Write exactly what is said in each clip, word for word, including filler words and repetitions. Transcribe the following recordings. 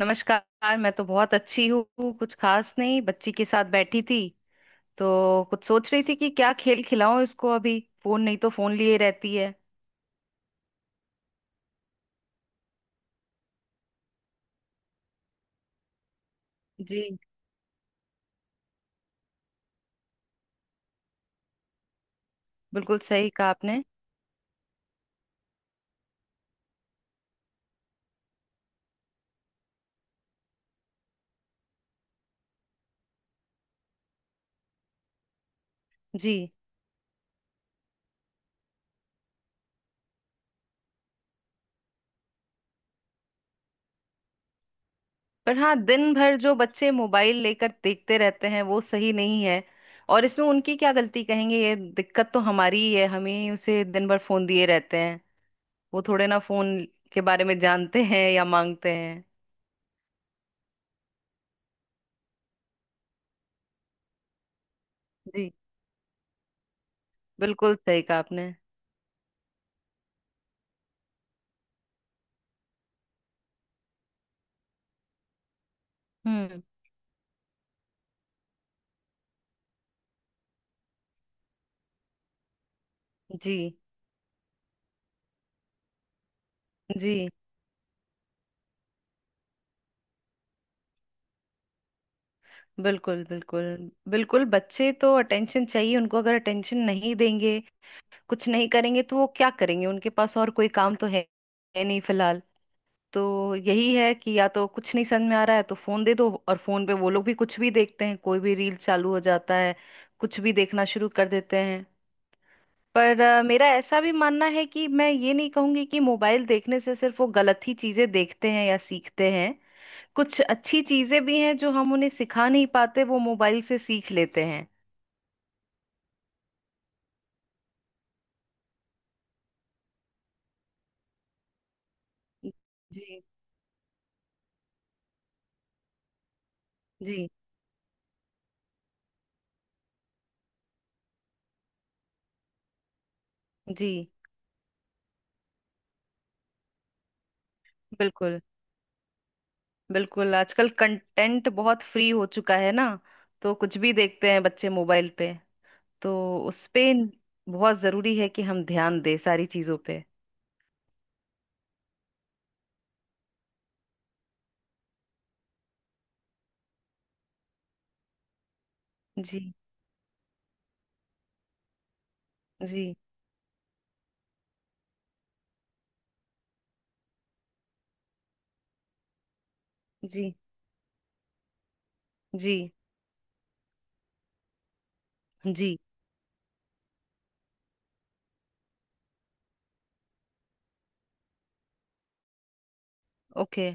नमस्कार। मैं तो बहुत अच्छी हूँ, कुछ खास नहीं, बच्ची के साथ बैठी थी। तो कुछ सोच रही थी कि क्या खेल खिलाऊं इसको, अभी फोन नहीं तो फोन लिए रहती है। जी। बिल्कुल सही कहा आपने। जी। पर हाँ, दिन भर जो बच्चे मोबाइल लेकर देखते रहते हैं वो सही नहीं है। और इसमें उनकी क्या गलती कहेंगे, ये दिक्कत तो हमारी ही है, हमें ही उसे दिन भर फोन दिए रहते हैं। वो थोड़े ना फोन के बारे में जानते हैं या मांगते हैं। जी। बिल्कुल सही कहा आपने। हम्म। जी। जी बिल्कुल। बिल्कुल बिल्कुल बच्चे तो अटेंशन चाहिए उनको, अगर अटेंशन नहीं देंगे कुछ नहीं करेंगे तो वो क्या करेंगे, उनके पास और कोई काम तो है है नहीं फिलहाल। तो यही है कि या तो कुछ नहीं समझ में आ रहा है तो फोन दे दो, और फोन पे वो लोग भी कुछ भी देखते हैं, कोई भी रील चालू हो जाता है, कुछ भी देखना शुरू कर देते हैं। पर अ, मेरा ऐसा भी मानना है कि मैं ये नहीं कहूंगी कि मोबाइल देखने से सिर्फ वो गलत ही चीजें देखते हैं या सीखते हैं। कुछ अच्छी चीजें भी हैं जो हम उन्हें सिखा नहीं पाते वो मोबाइल से सीख लेते हैं। जी। जी। जी बिल्कुल। बिल्कुल आजकल कंटेंट बहुत फ्री हो चुका है ना, तो कुछ भी देखते हैं बच्चे मोबाइल पे। तो उस पे बहुत जरूरी है कि हम ध्यान दें सारी चीजों पे। जी। जी। जी। जी। जी। ओके।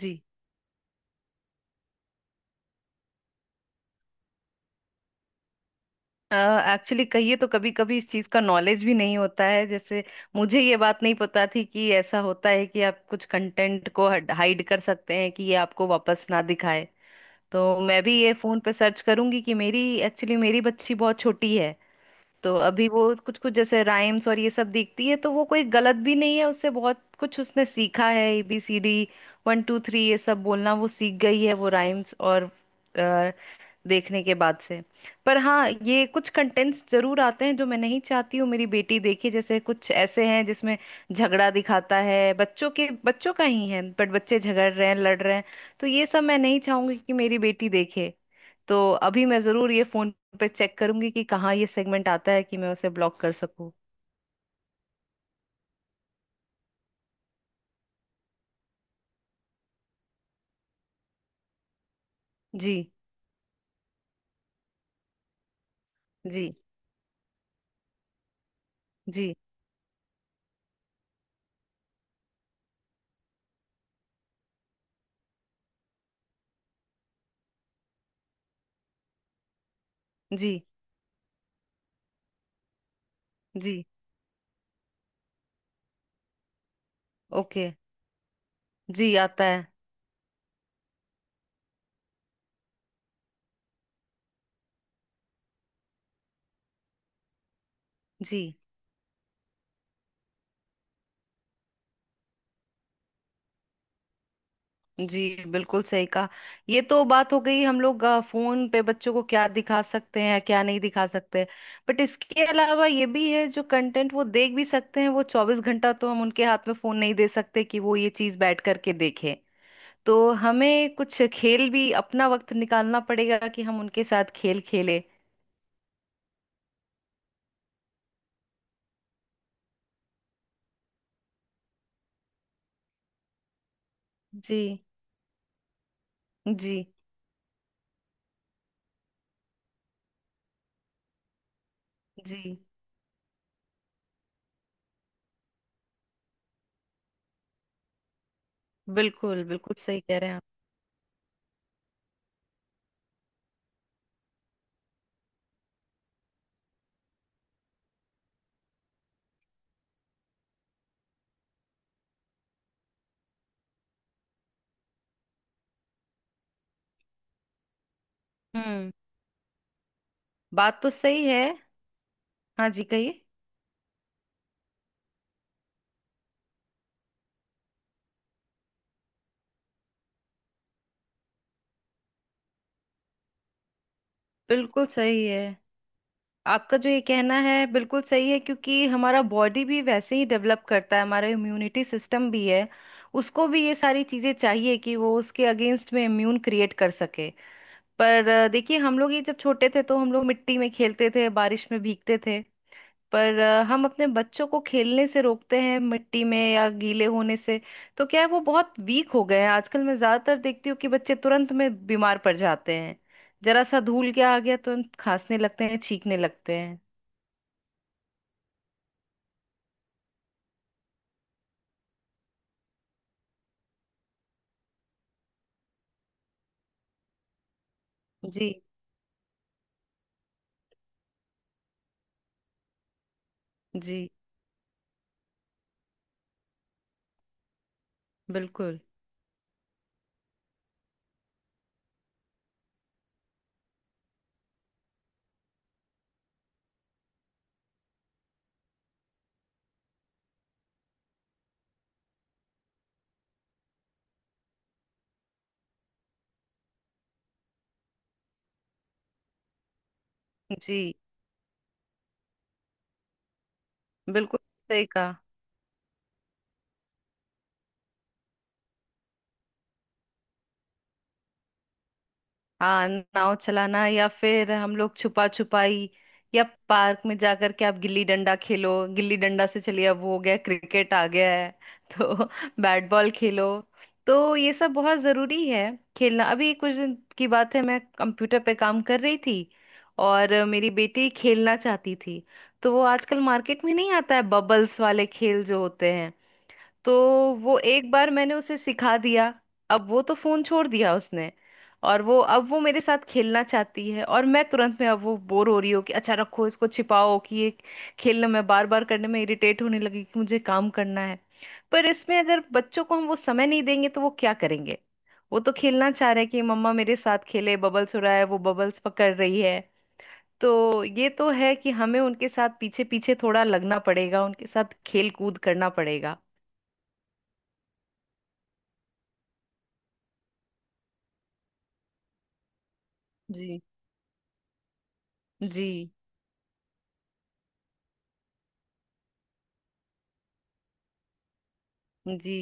जी। एक्चुअली कहिए तो कभी कभी इस चीज का नॉलेज भी नहीं होता है, जैसे मुझे ये बात नहीं पता थी कि ऐसा होता है कि आप कुछ कंटेंट को हाइड कर सकते हैं कि ये आपको वापस ना दिखाए। तो मैं भी ये फोन पे सर्च करूंगी कि मेरी एक्चुअली मेरी बच्ची बहुत छोटी है। तो अभी वो कुछ कुछ जैसे राइम्स और ये सब देखती है, तो वो कोई गलत भी नहीं है, उससे बहुत कुछ उसने सीखा है। A B C D, one two three ये सब बोलना वो सीख गई है, वो राइम्स और देखने के बाद से। पर हाँ ये कुछ कंटेंट्स जरूर आते हैं जो मैं नहीं चाहती हूँ मेरी बेटी देखे, जैसे कुछ ऐसे हैं जिसमें झगड़ा दिखाता है, बच्चों के बच्चों का ही है बट बच्चे झगड़ रहे हैं, लड़ रहे हैं। तो ये सब मैं नहीं चाहूंगी कि मेरी बेटी देखे। तो अभी मैं जरूर ये फोन पे चेक करूंगी कि कहाँ ये सेगमेंट आता है कि मैं उसे ब्लॉक कर सकूं। जी। जी। जी। जी। जी। ओके। जी आता है। जी। जी बिल्कुल सही कहा। ये तो बात हो गई हम लोग अ, फोन पे बच्चों को क्या दिखा सकते हैं क्या नहीं दिखा सकते। बट इसके अलावा ये भी है जो कंटेंट वो देख भी सकते हैं वो चौबीस घंटा तो हम उनके हाथ में फोन नहीं दे सकते कि वो ये चीज बैठ करके देखें। तो हमें कुछ खेल भी अपना वक्त निकालना पड़ेगा कि हम उनके साथ खेल खेलें। जी। जी। जी बिल्कुल। बिल्कुल सही कह रहे हैं आप। हम्म। बात तो सही है। हाँ जी कहिए। बिल्कुल सही है। आपका जो ये कहना है बिल्कुल सही है, क्योंकि हमारा बॉडी भी वैसे ही डेवलप करता है, हमारा इम्यूनिटी सिस्टम भी है, उसको भी ये सारी चीजें चाहिए कि वो उसके अगेंस्ट में इम्यून क्रिएट कर सके। पर अ, देखिए हम लोग ये जब छोटे थे तो हम लोग मिट्टी में खेलते थे, बारिश में भीगते थे। पर अ, हम अपने बच्चों को खेलने से रोकते हैं मिट्टी में या गीले होने से। तो क्या है वो बहुत वीक हो गए हैं आजकल, मैं ज्यादातर देखती हूँ कि बच्चे तुरंत में बीमार पड़ जाते हैं। जरा सा धूल क्या आ गया तुरंत खांसने लगते हैं, छींकने लगते हैं। जी। जी। बिल्कुल। जी। बिल्कुल सही कहा। हाँ नाव चलाना या फिर हम लोग छुपा छुपाई, या पार्क में जाकर के आप गिल्ली डंडा खेलो। गिल्ली डंडा से चलिए अब वो हो गया, क्रिकेट आ गया है। तो बैट बॉल खेलो, तो ये सब बहुत जरूरी है। खेलना अभी कुछ दिन की बात है, मैं कंप्यूटर पे काम कर रही थी और मेरी बेटी खेलना चाहती थी। तो वो आजकल मार्केट में नहीं आता है, बबल्स वाले खेल जो होते हैं, तो वो एक बार मैंने उसे सिखा दिया। अब वो तो फोन छोड़ दिया उसने। और वो अब वो मेरे साथ खेलना चाहती है, और मैं तुरंत में अब वो बोर हो रही हो कि अच्छा रखो इसको, छिपाओ कि ये। खेलने में बार बार करने में इरिटेट होने लगी कि मुझे काम करना है। पर इसमें अगर बच्चों को हम वो समय नहीं देंगे तो वो क्या करेंगे। वो तो खेलना चाह रहे हैं कि मम्मा मेरे साथ खेले, बबल्स उड़ा है वो बबल्स पकड़ रही है। तो ये तो है कि हमें उनके साथ पीछे पीछे थोड़ा लगना पड़ेगा, उनके साथ खेल कूद करना पड़ेगा। जी। जी। जी।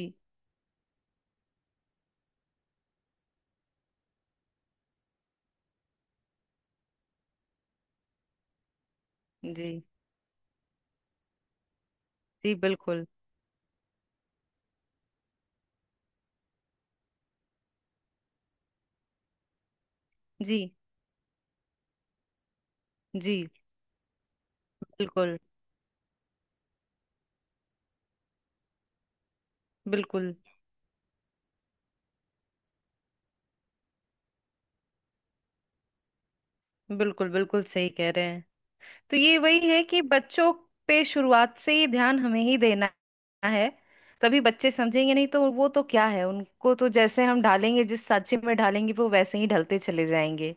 जी। जी बिल्कुल। जी। जी बिल्कुल बिल्कुल बिल्कुल बिल्कुल सही कह रहे हैं। तो ये वही है कि बच्चों पे शुरुआत से ही ध्यान हमें ही देना है। तभी बच्चे समझेंगे, नहीं तो वो तो क्या है, उनको तो जैसे हम ढालेंगे जिस सांचे में ढालेंगे वो वैसे ही ढलते चले जाएंगे।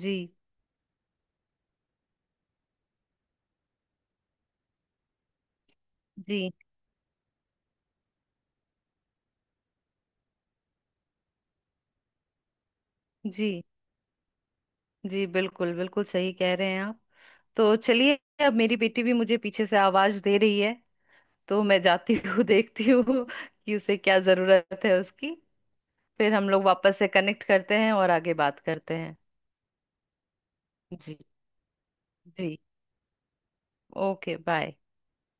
जी। जी। जी। जी बिल्कुल। बिल्कुल सही कह रहे हैं आप। तो चलिए अब मेरी बेटी भी मुझे पीछे से आवाज दे रही है। तो मैं जाती हूँ, देखती हूँ कि उसे क्या जरूरत है, उसकी। फिर हम लोग वापस से कनेक्ट करते हैं और आगे बात करते हैं। जी। जी। Okay bye.